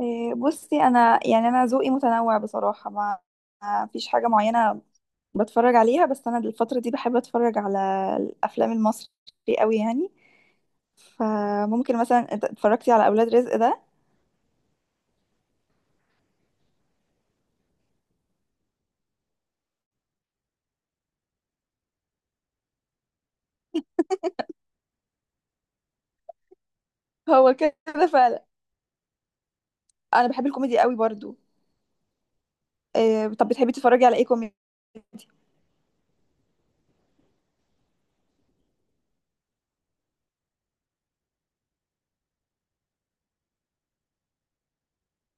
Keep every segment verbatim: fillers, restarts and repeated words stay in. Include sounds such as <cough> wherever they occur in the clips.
إيه، بصي، انا يعني انا ذوقي متنوع بصراحه. ما ما فيش حاجه معينه بتفرج عليها. بس انا الفتره دي بحب اتفرج على الافلام المصري قوي يعني. فممكن مثلا ات- اتفرجتي على اولاد رزق ده؟ هو كده فعلا. انا بحب الكوميدي قوي برضو. إيه، طب بتحبي تتفرجي على ايه كوميدي؟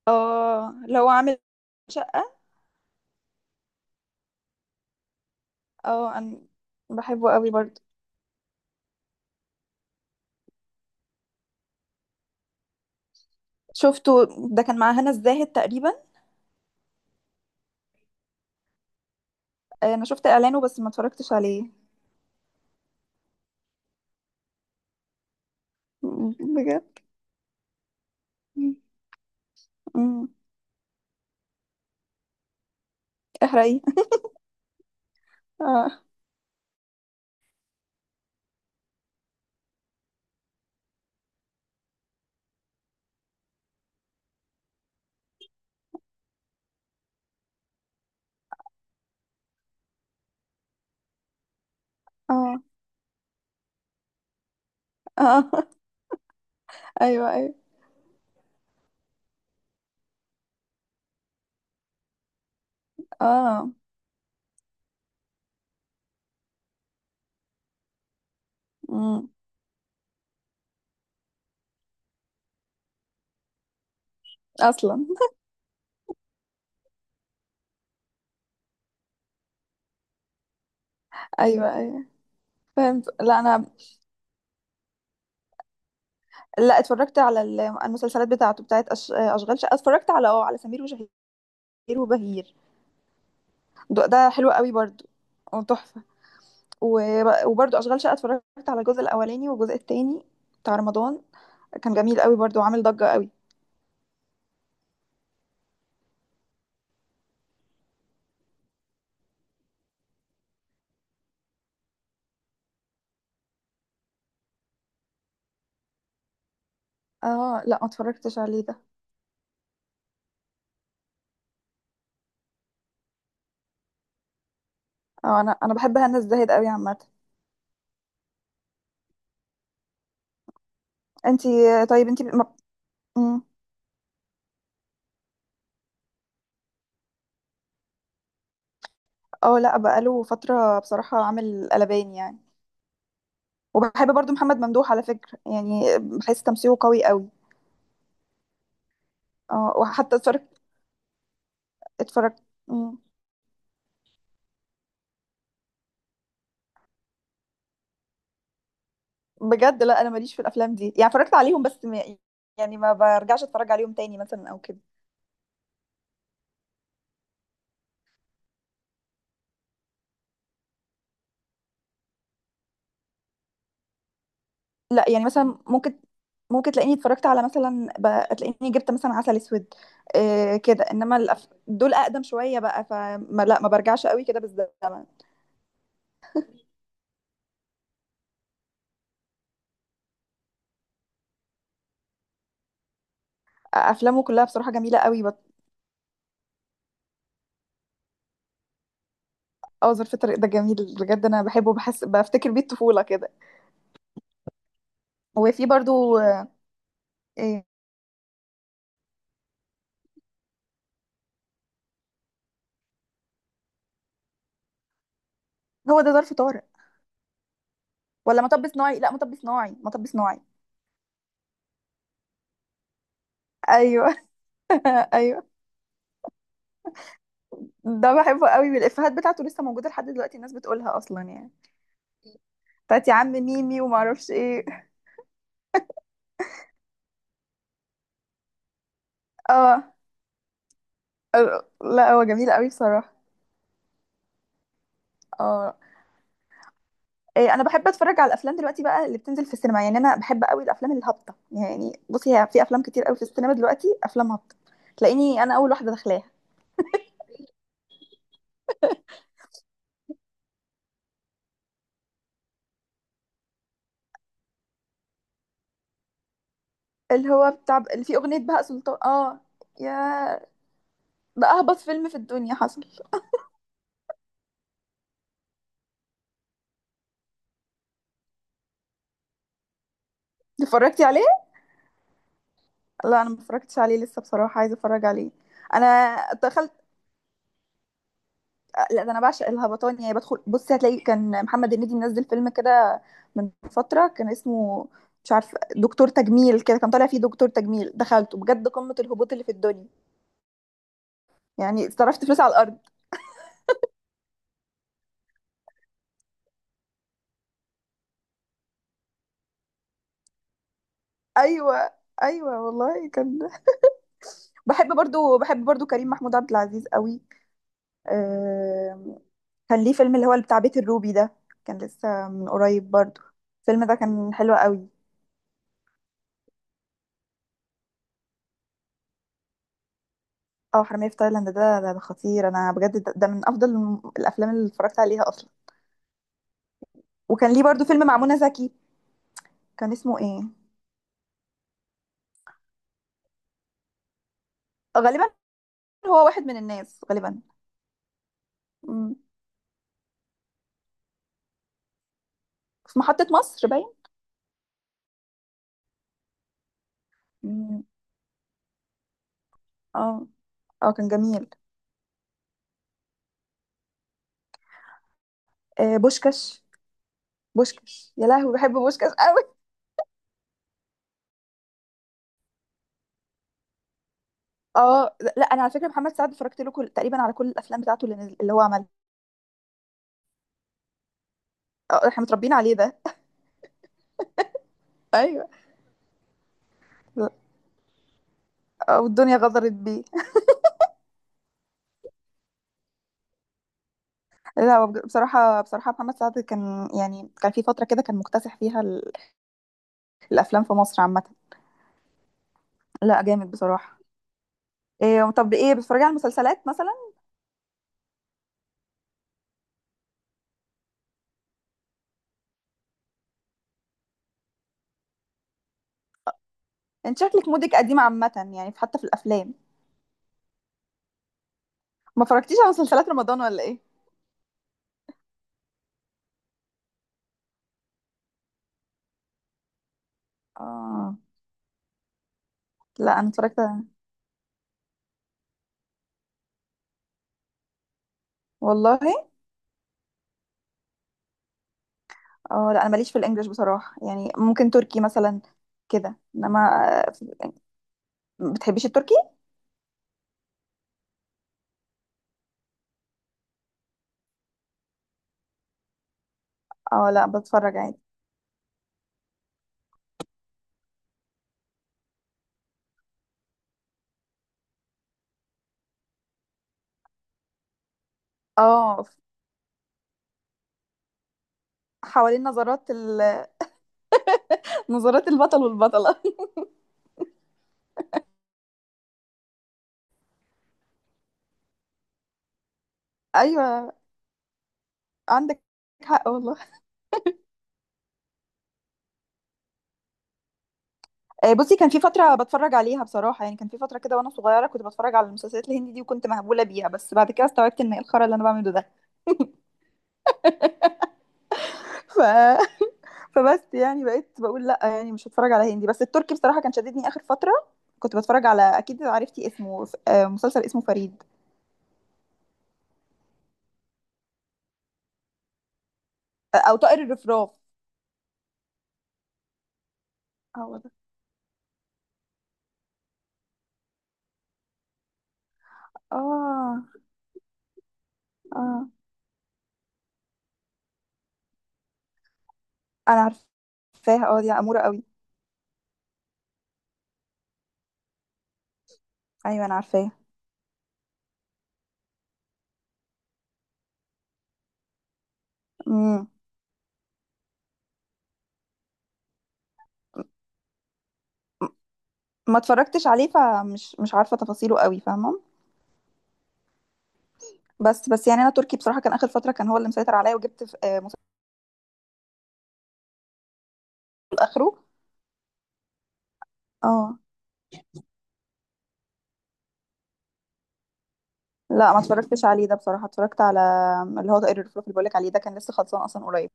اه، اللي هو عامل شقه. اه، انا بحبه قوي برضو. شفته. ده كان مع هنا الزاهد تقريبا. آه، انا شفت اعلانه بس ما اتفرجتش عليه. م- بجد. مم. احرقي. اه. اه. اه. <laughs> ايوه، ايوه. اه، امم اصلا. <laughs> ايوه، ايوه. فهمت. لا انا، لا اتفرجت على ال- المسلسلات بتاعته بتاعت أش... اشغال شقه. اتفرجت على اه على سمير وشهير وبهير. ده, ده حلو قوي برضو. وتحفه. وب- وبرضو اشغال شقه اتفرجت على الجزء الاولاني والجزء التاني بتاع رمضان. كان جميل قوي برضو وعامل ضجه قوي. اه، لا ما اتفرجتش عليه ده. اه، انا انا بحب هنا الزاهد قوي عامه. انتي، طيب انتي ما... اه لا بقاله فترة بصراحة عامل قلبان يعني. وبحب برضو محمد ممدوح على فكرة يعني، بحس تمثيله قوي قوي. اه، وحتى اتفرجت اتفرجت. مم. بجد. لا انا ماليش في الافلام دي يعني. اتفرجت عليهم بس ما، يعني ما برجعش اتفرج عليهم تاني مثلا او كده. لا، يعني مثلا ممكن ممكن تلاقيني اتفرجت على مثلا ب- تلاقيني جبت مثلا عسل اسود. إيه كده. انما الأف... دول اقدم شوية بقى. فما، لا ما برجعش قوي كده بالزمن. افلامه كلها بصراحة جميلة قوي. اه، ظرف طارق ده جميل بجد. انا بحبه، بحس بفتكر بيه الطفوله كده. وفي برضو آه، إيه هو ده ظرف طارق. ولا مطب صناعي؟ لا، مطب صناعي مطب صناعي. ايوه. <laughs> ايوه. ده بحبه قوي، والافيهات بتاعته لسه موجوده لحد دلوقتي، الناس بتقولها اصلا يعني. بتاعت يا عم ميمي وما اعرفش ايه. اه، لا هو جميل قوي بصراحه. اه، إيه، انا بحب اتفرج على الافلام دلوقتي بقى اللي بتنزل في السينما يعني. انا بحب قوي الافلام الهابطه يعني. بصي، هي في افلام كتير قوي في السينما دلوقتي افلام هابطه. تلاقيني انا اول واحده داخلاها. اللي هو بتاع اللي فيه أغنية بهاء سلطان، اه. يا ده أهبط فيلم في الدنيا حصل. اتفرجتي عليه؟ لا، أنا ما اتفرجتش عليه لسه بصراحة، عايزة أتفرج عليه. أنا دخلت لا، ده أنا بعشق الهبطان يعني. بدخل، بصي هتلاقي كان محمد هنيدي منزل فيلم كده من فترة، كان اسمه مش عارف دكتور تجميل كده، كان طالع فيه دكتور تجميل. دخلته بجد قمة الهبوط اللي في الدنيا، يعني صرفت فلوس على الأرض. أيوه، أيوه والله كان. بحب برضو بحب برضو كريم محمود عبد العزيز قوي. آم، كان ليه فيلم اللي هو اللي بتاع بيت الروبي ده، كان لسه من قريب برضو. الفيلم ده كان حلو قوي. اه، حرامية في تايلاند ده ده, ده, خطير. انا بجد ده, ده من افضل الم- الافلام اللي اتفرجت عليها اصلا. وكان ليه برضو فيلم مع منى زكي، كان اسمه ايه؟ غالبا هو واحد من الناس غالبا. مم. في محطة مصر باين. مم. اه. اه، كان جميل. آه، بوشكاش. بوشكاش يا لهوي، بحب بوشكاش قوي. اه، لا انا على فكرة محمد سعد اتفرجت له كل... تقريبا على كل الافلام بتاعته اللي, نزل... اللي هو عملها. آه، احنا متربيين عليه ده. ايوه، والدنيا غدرت بيه. لا، هو بج- بصراحه بصراحه محمد سعد كان يعني كان في فتره كده كان مكتسح فيها ال- الافلام في مصر عامه. لا، جامد بصراحه. إيه، طب ايه بتتفرجي على المسلسلات مثلا؟ انت شكلك مودك قديم عامه يعني، في- حتى في الافلام. ما اتفرجتيش على مسلسلات رمضان ولا ايه؟ اه، لا انا اتفرجت. والله. اه، لا انا ماليش في الانجليش بصراحه يعني. ممكن تركي مثلا كده، انما آه، بتحبيش التركي؟ اه، لا بتفرج عادي. اه، حوالين نظرات ال نظرات البطل والبطلة. <laughs> أيوة. عندك حق والله. آه، بصي، كان في فترة بتفرج عليها بصراحة يعني. كان في فترة كده وأنا صغيرة، كنت بتفرج على المسلسلات الهندي دي وكنت مهبولة بيها. بس بعد كده استوعبت إن إيه الخرا اللي أنا بعمله ده. <laughs> ف... فبس يعني بقيت بقول لأ يعني مش هتفرج على هندي. بس التركي بصراحة كان شددني آخر فترة. كنت بتفرج على، أكيد عرفتي اسمه، آه، مسلسل اسمه فريد. آه، أو طائر الرفراف. هو ده. آه. آه. أنا عارفاها. اه، دي أمورة قوي. أيوة أنا عارفاها. امم ما اتفرجتش عليه، فمش مش عارفه تفاصيله قوي، فاهمه. بس بس يعني انا تركي بصراحه كان اخر فتره كان هو اللي مسيطر عليا. وجبت في آه، مسلسل اخره. اه، لا ما اتفرجتش عليه ده بصراحه. اتفرجت على اللي هو طائر الفلوف اللي بقولك عليه ده، كان لسه خلصان اصلا قريب.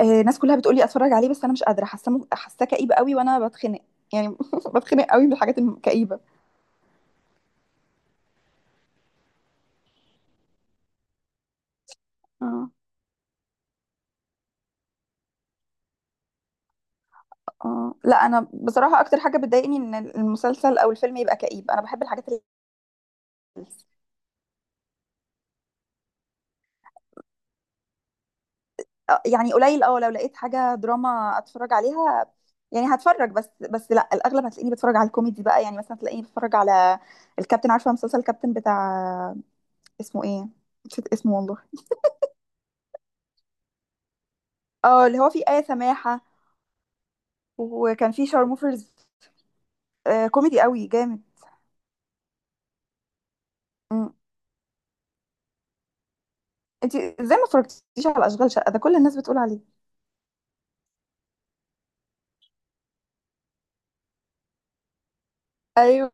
آه، الناس كلها بتقولي اتفرج عليه بس انا مش قادره، حاسه مو- حاساه كئيب قوي وانا بتخنق يعني. <laughs> بتخنق قوي من الحاجات الكئيبه. اه. اه، لا انا بصراحه اكتر حاجه بتضايقني ان المسلسل او الفيلم يبقى كئيب. انا بحب الحاجات اللي آه، يعني قليل. اه، لو لقيت حاجة دراما اتفرج عليها يعني هتفرج، بس بس لا، الاغلب هتلاقيني بتفرج على الكوميدي بقى. يعني مثلا تلاقيني بتفرج على الكابتن، عارفة مسلسل الكابتن بتاع اسمه ايه؟ نسيت اسمه والله. اه، اللي هو فيه آية سماحة وكان فيه شارموفرز. آه، كوميدي قوي جامد. مم. انتي ازاي ما اتفرجتيش على اشغال شقة ده؟ كل الناس بتقول عليه. ايوه،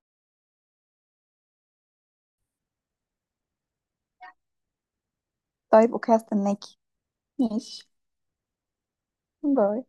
طيب اوكي، هستناكي. ماشي. باي.